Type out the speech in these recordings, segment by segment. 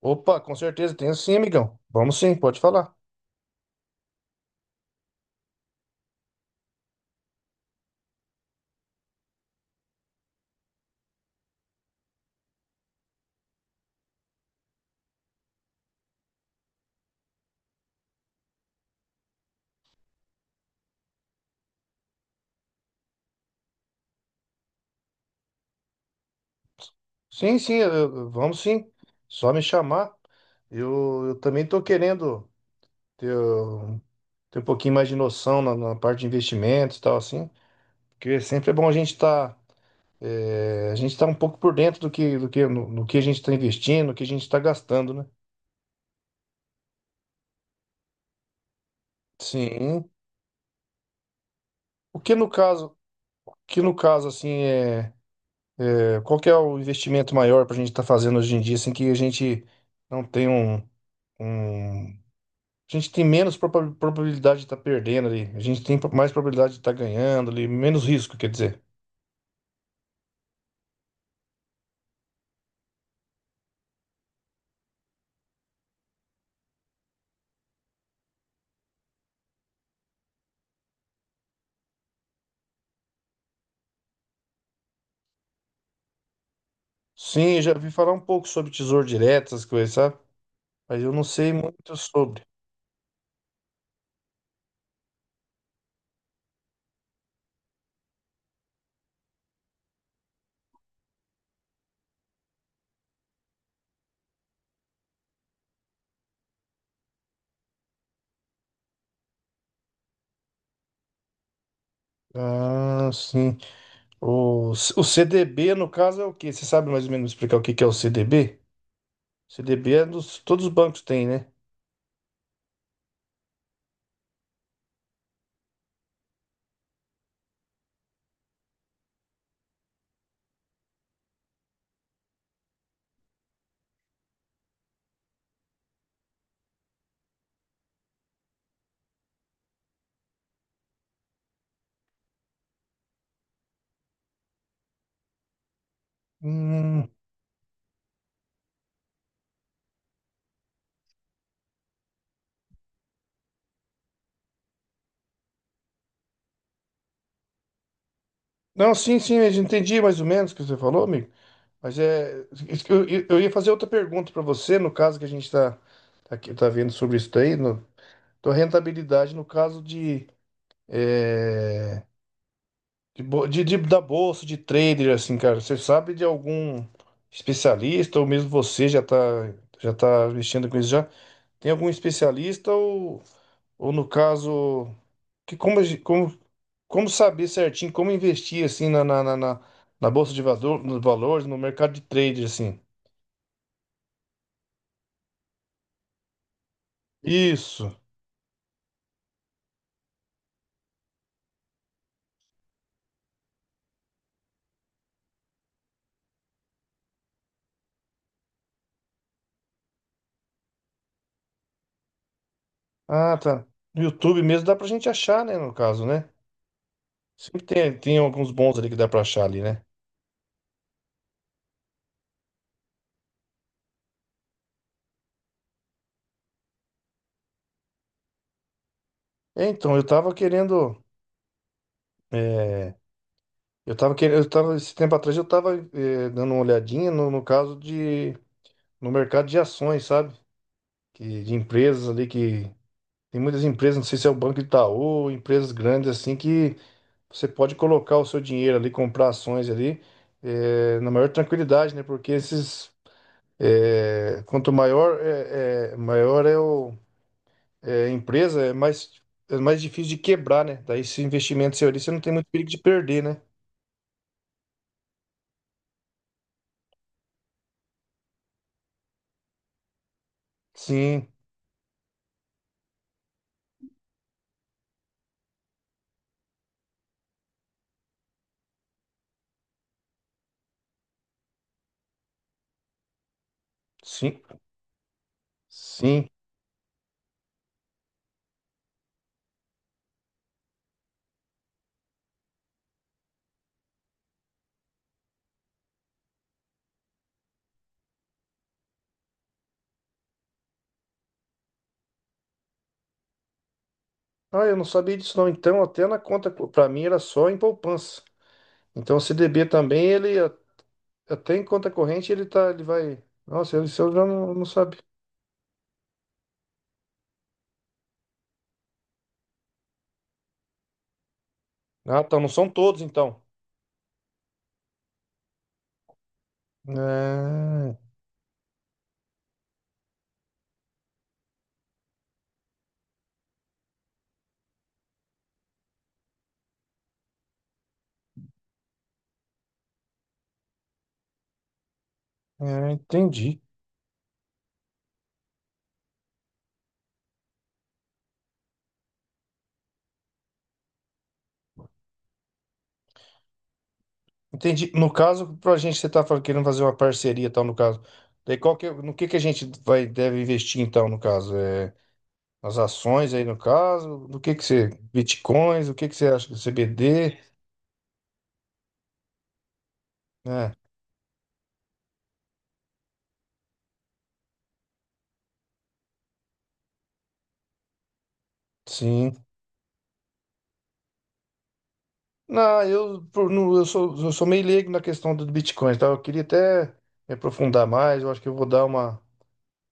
Opa, com certeza, tenho sim, amigão. Vamos sim, pode falar. Sim, sim, vamos sim. Só me chamar. Eu também tô querendo ter, ter um pouquinho mais de noção na parte de investimentos e tal, assim. Porque sempre é bom a gente estar a gente tá um pouco por dentro do que, no que a gente está investindo, no que a gente está gastando, né? Sim. O que no caso, assim, qual que é o investimento maior para a gente estar fazendo hoje em dia, assim, que a gente não tem um. um- A gente tem menos probabilidade de estar perdendo ali. A gente tem mais probabilidade de estar ganhando ali, menos risco, quer dizer. Sim, eu já vi falar um pouco sobre tesouro direto, essas coisas, sabe? Mas eu não sei muito sobre. Ah, sim. O CDB, no caso, é o quê? Você sabe mais ou menos explicar o que que é o CDB? CDB é dos, todos os bancos têm, né? Hum, não, sim, sim, eu já entendi mais ou menos o que você falou, amigo. Mas é. Eu, eu ia fazer outra pergunta para você, no caso que a gente está. Tá, aqui tá vendo sobre isso daí, no, tua rentabilidade no caso de, eh, de, da bolsa, de trader, assim, cara. Você sabe de algum especialista, ou mesmo você já tá mexendo com isso já? Tem algum especialista ou no caso, que como, como saber certinho, como investir, assim, na bolsa de valor, nos valores, no mercado de trader, assim? Isso. Ah, tá. No YouTube mesmo dá pra gente achar, né, no caso, né? Sempre tem, tem alguns bons ali que dá pra achar ali, né? É, então, eu tava querendo. é, eu tava querendo. Eu tava, esse tempo atrás eu tava dando uma olhadinha no, no caso de. No mercado de ações, sabe? Que, de empresas ali que. Tem muitas empresas, não sei se é o Banco Itaú, empresas grandes assim, que você pode colocar o seu dinheiro ali, comprar ações ali, na maior tranquilidade, né? Porque esses. Quanto maior é, maior é o, é a empresa, é mais difícil de quebrar, né? Daí esse investimento seu ali, você não tem muito perigo de perder, né? Sim, sim, sim. Ah, eu não sabia disso não. Então, até na conta, para mim era só em poupança. Então, o CDB também, até em conta corrente ele tá, ele vai. Nossa, ele eu já não, não sabe. Ah, tá, não são todos então. É, é, entendi. Entendi. No caso, pra gente você tá falando- querendo fazer uma parceria, e tal, no caso. Daí qual que, no que a gente vai deve investir então, no caso? É, nas ações aí no caso, no que você, bitcoins, o que que você acha do CBD? Sim. Não, não, eu sou meio leigo na questão do Bitcoin, tá? Eu queria até me aprofundar mais. Eu acho que eu vou dar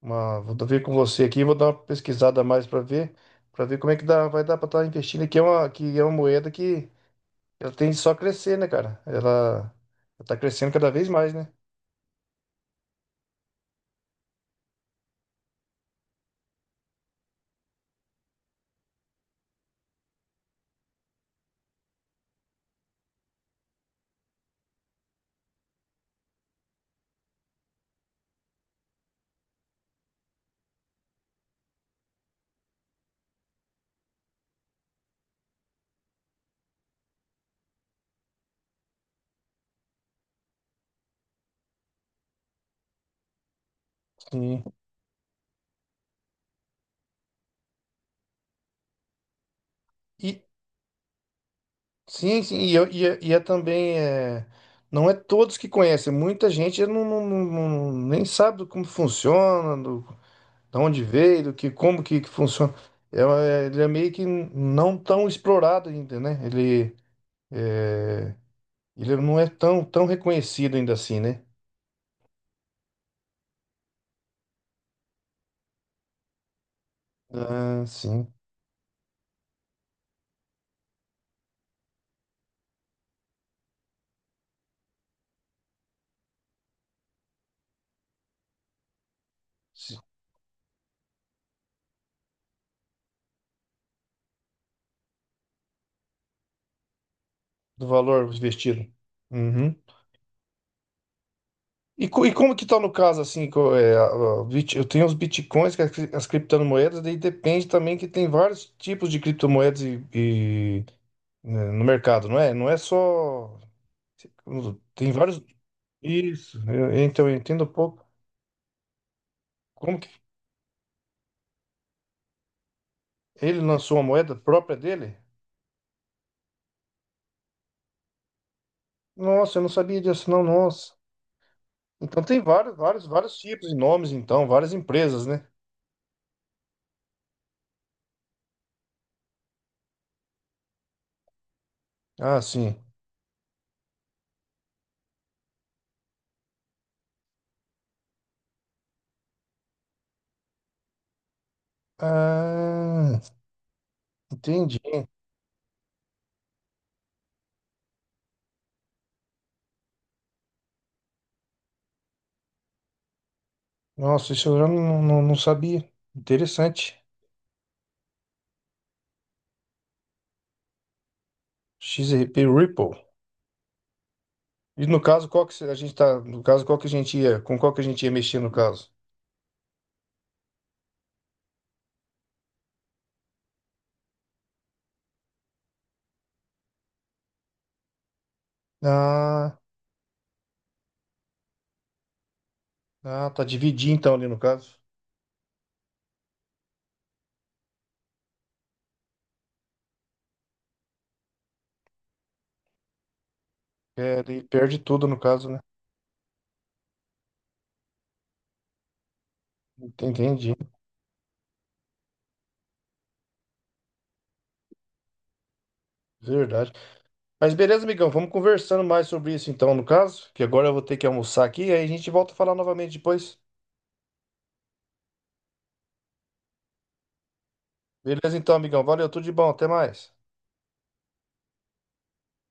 uma, vou ver com você aqui, vou dar uma pesquisada a mais para ver como é que dá, vai dar para estar investindo que é uma moeda que ela tem só crescer, né, cara? Ela está crescendo cada vez mais, né? Sim. E sim, sim, e é também é, não é todos que conhecem. Muita gente nem sabe do como funciona, de onde veio, do que como que funciona. É, é, ele é meio que não tão explorado ainda, né? Ele, é, ele não é tão, tão reconhecido ainda assim, né? Ah, sim. Sim. Do valor investido. Uhum. E, e como que tá no caso, assim, eu tenho os bitcoins, que é as criptomoedas, daí depende também que tem vários tipos de criptomoedas e, né, no mercado, não é? Não é só... Tem vários... Isso, então eu entendo um pouco. Como que ele lançou uma moeda própria dele? Nossa, eu não sabia disso, não, nossa. Então tem vários, vários, vários tipos e nomes, então, várias empresas, né? Ah, sim. Ah, entendi. Nossa, isso eu já não, não, não sabia. Interessante. XRP Ripple. E no caso, qual que se- a gente tá, no caso, qual que a gente ia, com qual que a gente ia mexer no caso? Ah, ah, tá dividir então ali no caso. É, ele perde tudo no caso, né? Entendi. Verdade. Mas beleza, amigão, vamos conversando mais sobre isso então, no caso, que agora eu vou ter que almoçar aqui, aí a gente volta a falar novamente depois. Beleza então, amigão, valeu, tudo de bom, até mais.